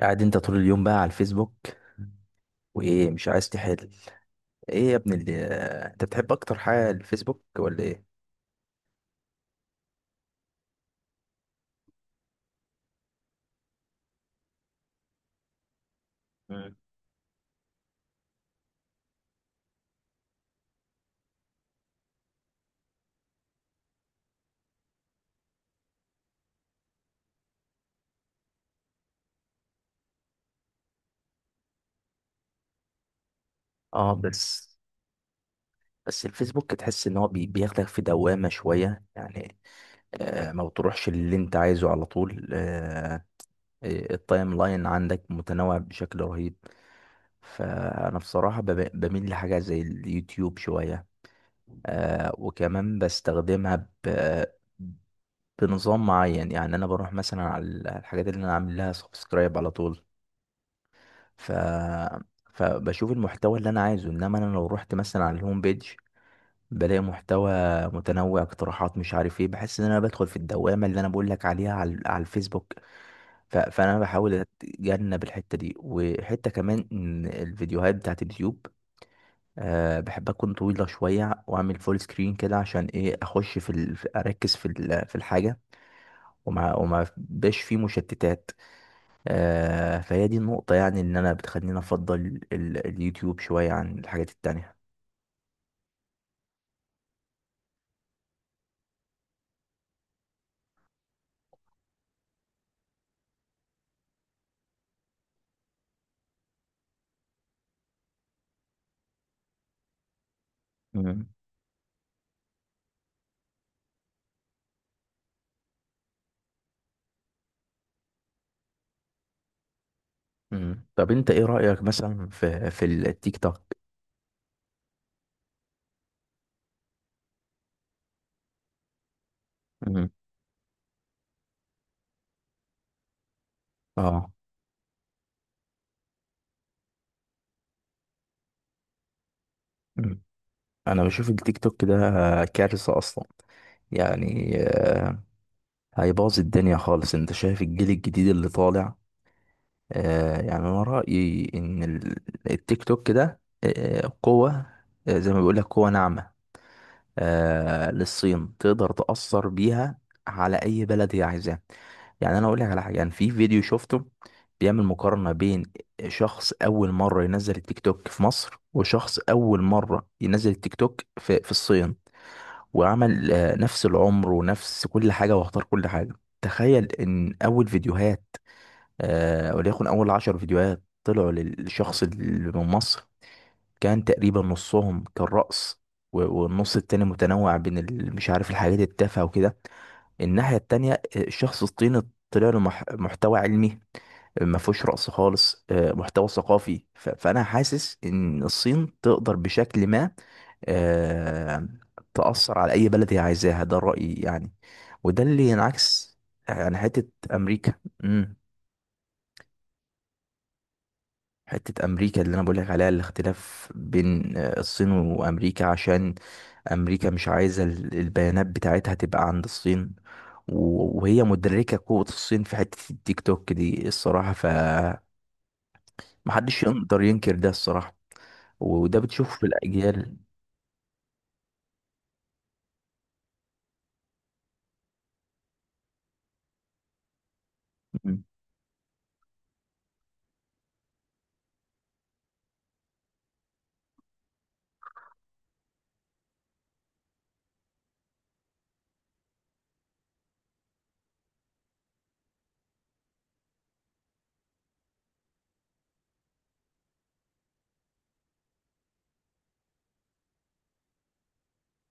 قاعد انت طول اليوم بقى على الفيسبوك وايه مش عايز تحل؟ ايه يا ابني اللي؟ انت بتحب اكتر حاجه الفيسبوك ولا ايه؟ مم. اه، بس الفيسبوك تحس ان هو بياخدك في دوامه شويه يعني. آه، ما بتروحش اللي انت عايزه على طول. آه، التايم لاين عندك متنوع بشكل رهيب. فانا بصراحه بميل لحاجه زي اليوتيوب شويه. آه، وكمان بستخدمها بنظام معين، يعني انا بروح مثلا على الحاجات اللي انا عامل لها سبسكرايب على طول، ف فبشوف المحتوى اللي انا عايزه، انما انا لو رحت مثلا على الهوم بيج بلاقي محتوى متنوع، اقتراحات، مش عارف ايه، بحس ان انا بدخل في الدوامه اللي انا بقول لك عليها على الفيسبوك. فانا بحاول اتجنب الحته دي، وحته كمان ان الفيديوهات بتاعت اليوتيوب أه بحب اكون طويله شويه، واعمل فول سكرين كده عشان ايه، اخش اركز في الحاجه، وما بقاش فيه مشتتات. آه، فهي دي النقطة، يعني إن أنا بتخليني أفضل اليوتيوب شوية عن الحاجات التانية. مم. مم. طب أنت إيه رأيك مثلا في التيك توك؟ مم. اه. مم. أنا بشوف التيك توك ده كارثة أصلا، يعني آه، هيبوظ الدنيا خالص. أنت شايف الجيل الجديد اللي طالع؟ آه، يعني أنا رأيي إن التيك توك ده آه قوة، آه، زي ما بيقول لك قوة ناعمة، آه، للصين، تقدر تأثر بيها على أي بلد هي عايزاه. يعني أنا أقول لك على حاجة، يعني في فيديو شفته بيعمل مقارنة بين شخص أول مرة ينزل التيك توك في مصر، وشخص أول مرة ينزل التيك توك في الصين، وعمل آه نفس العمر ونفس كل حاجة واختار كل حاجة. تخيل إن أول فيديوهات، آه، وليكن أول 10 فيديوهات طلعوا للشخص اللي من مصر كان تقريبا نصهم كان رقص، والنص التاني متنوع بين مش عارف الحاجات التافهة وكده. الناحية التانية الشخص الصيني طلع له محتوى علمي، ما فيهوش رقص خالص، آه، محتوى ثقافي، فانا حاسس ان الصين تقدر بشكل ما، آه، تأثر على اي بلد هي عايزاها، ده رأيي يعني. وده اللي ينعكس، يعني حتة امريكا. امم حتة امريكا اللي انا بقول لك عليها، الاختلاف بين آه، الصين وامريكا، عشان امريكا مش عايزه البيانات بتاعتها تبقى عند الصين، وهي مدركه قوه الصين في حته التيك توك دي الصراحه، محدش يقدر ينكر ده الصراحه، وده بتشوفه في الاجيال. مم.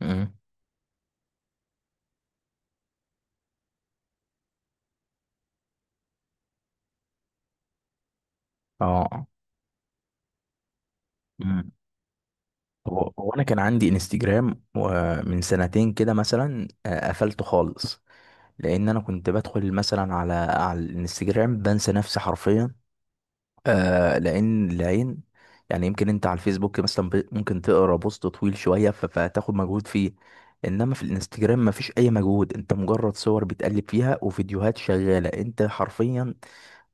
مم. اه. مم. هو انا كان عندي انستجرام، ومن سنتين كده مثلا، آه، قفلته خالص، لان انا كنت بدخل مثلا على الانستجرام، بنسى نفسي حرفيا، آه، لان العين، يعني يمكن انت على الفيسبوك مثلا ممكن تقرا بوست طويل شويه، فتاخد مجهود فيه، انما في الانستجرام مفيش اي مجهود، انت مجرد صور بتقلب فيها وفيديوهات شغاله، انت حرفيا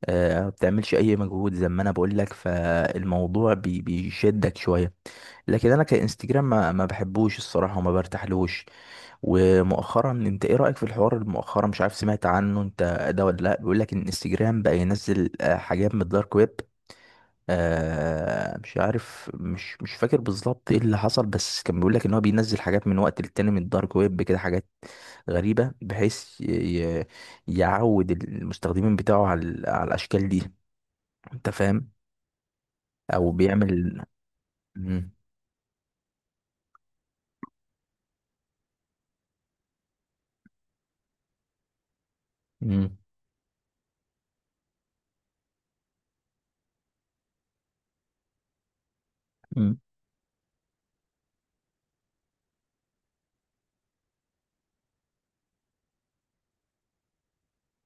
آه ما بتعملش اي مجهود، زي ما انا بقول لك، فالموضوع بيشدك شويه. لكن انا كانستجرام ما بحبوش الصراحه وما برتاحلوش. ومؤخرا انت ايه رايك في الحوار المؤخرا، مش عارف سمعت عنه انت ده ولا لا، بيقول لك ان انستجرام بقى ينزل آه، حاجات من الدارك ويب. آه، مش عارف، مش فاكر بالظبط ايه اللي حصل، بس كان بيقول لك ان هو بينزل حاجات من وقت للتاني من الدارك ويب كده، حاجات غريبة، بحيث ي- يعود المستخدمين بتاعه على الاشكال دي. انت فاهم؟ او بيعمل. مم. مم. مم.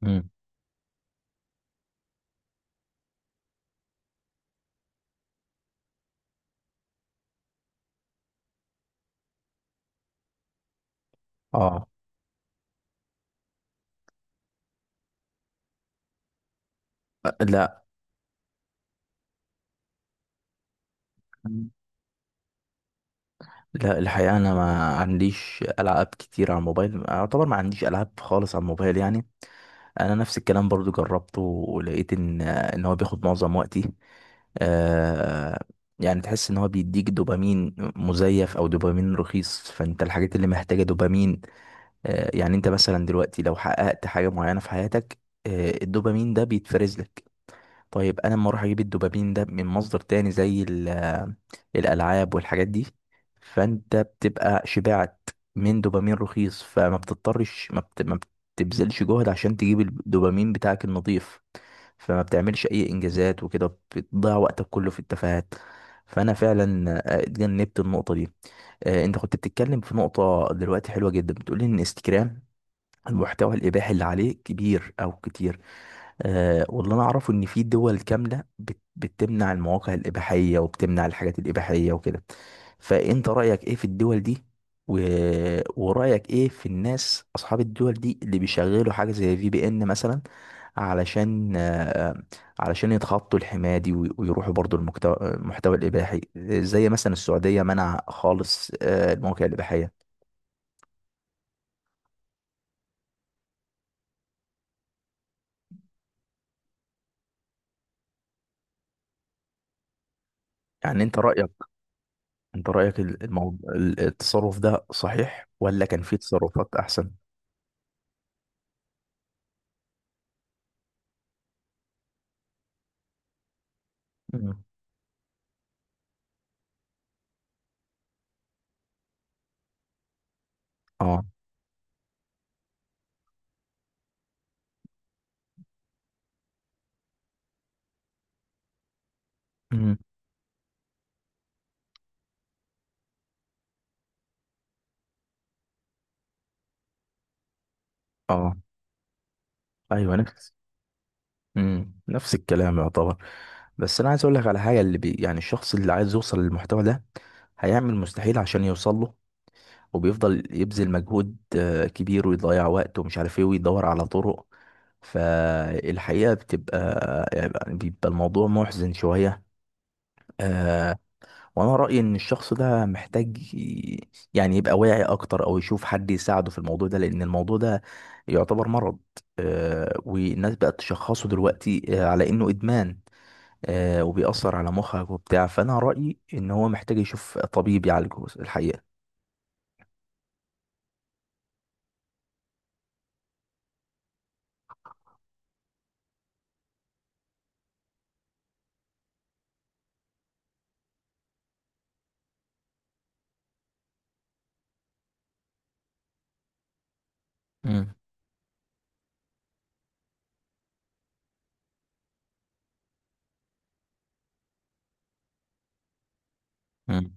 مم. اه. لا. لا، الحقيقة أنا ما عنديش ألعاب كتير على الموبايل، أعتبر ما عنديش ألعاب خالص على الموبايل يعني. انا نفس الكلام برضو جربته ولقيت ان هو بياخد معظم وقتي، آه، يعني تحس ان هو بيديك دوبامين مزيف او دوبامين رخيص، فانت الحاجات اللي محتاجة دوبامين، آه، يعني انت مثلا دلوقتي لو حققت حاجة معينة في حياتك آه الدوبامين ده بيتفرز لك. طيب انا لما اروح اجيب الدوبامين ده من مصدر تاني زي الالعاب والحاجات دي، فانت بتبقى شبعت من دوبامين رخيص، فما بتضطرش ما, بت... ما بتبذلش جهد عشان تجيب الدوبامين بتاعك النظيف، فما بتعملش اي انجازات وكده، بتضيع وقتك كله في التفاهات. فانا فعلا آه، اتجنبت النقطه دي. آه، انت كنت بتتكلم في نقطه دلوقتي حلوه جدا، بتقولي ان انستجرام المحتوى الإباحي اللي عليه كبير أو كتير. أه، واللي أنا أعرفه إن في دول كاملة بتمنع المواقع الإباحية وبتمنع الحاجات الإباحية وكده، فأنت رأيك إيه في الدول دي، و... ورأيك إيه في الناس أصحاب الدول دي اللي بيشغلوا حاجة زي VPN مثلا، علشان آه، علشان يتخطوا الحماية دي، ويروحوا برضو المحتوى الإباحي، زي مثلا السعودية منع خالص آه، المواقع الإباحية. يعني أنت رأيك، انت رأيك الموضوع التصرف ده صحيح ولا كان في تصرفات احسن؟ مم. اه. مم. اه، ايوه، نفس. مم. نفس الكلام يعتبر. بس انا عايز اقول لك على حاجه، اللي يعني الشخص اللي عايز يوصل للمحتوى ده هيعمل مستحيل عشان يوصل له، وبيفضل يبذل مجهود آه، كبير، ويضيع وقت ومش عارف ايه، ويدور على طرق، فالحقيقه بتبقى، يعني بيبقى الموضوع محزن شويه، آه، وانا رأيي ان الشخص ده محتاج يعني يبقى واعي اكتر، او يشوف حد يساعده في الموضوع ده، لان الموضوع ده يعتبر مرض، آه، والناس بقت تشخصه دلوقتي آه، على انه ادمان، آه، وبيأثر على مخك وبتاع، فانا رأيي ان هو محتاج يشوف طبيب يعالجه الحقيقة. مم. مم.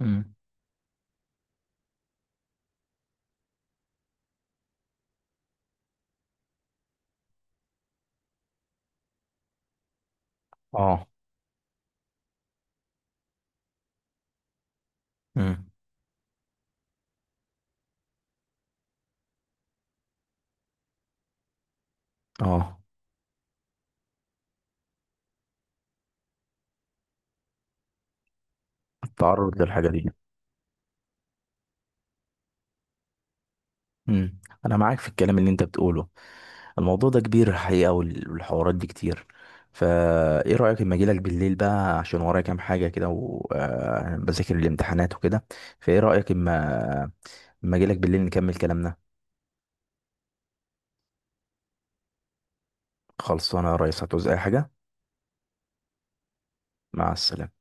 مم. اه. مم. اه، التعرض للحاجة دي. امم انا معاك في الكلام اللي انت بتقوله. الموضوع ده كبير الحقيقه، والحوارات دي كتير، فا ايه رايك اما اجيلك بالليل بقى، عشان ورايا كام حاجه كده، وبذاكر الامتحانات وكده، فايه رايك اما اجيلك بالليل نكمل كلامنا. خلصانه يا ريس، هتعوز اي حاجه؟ مع السلامه.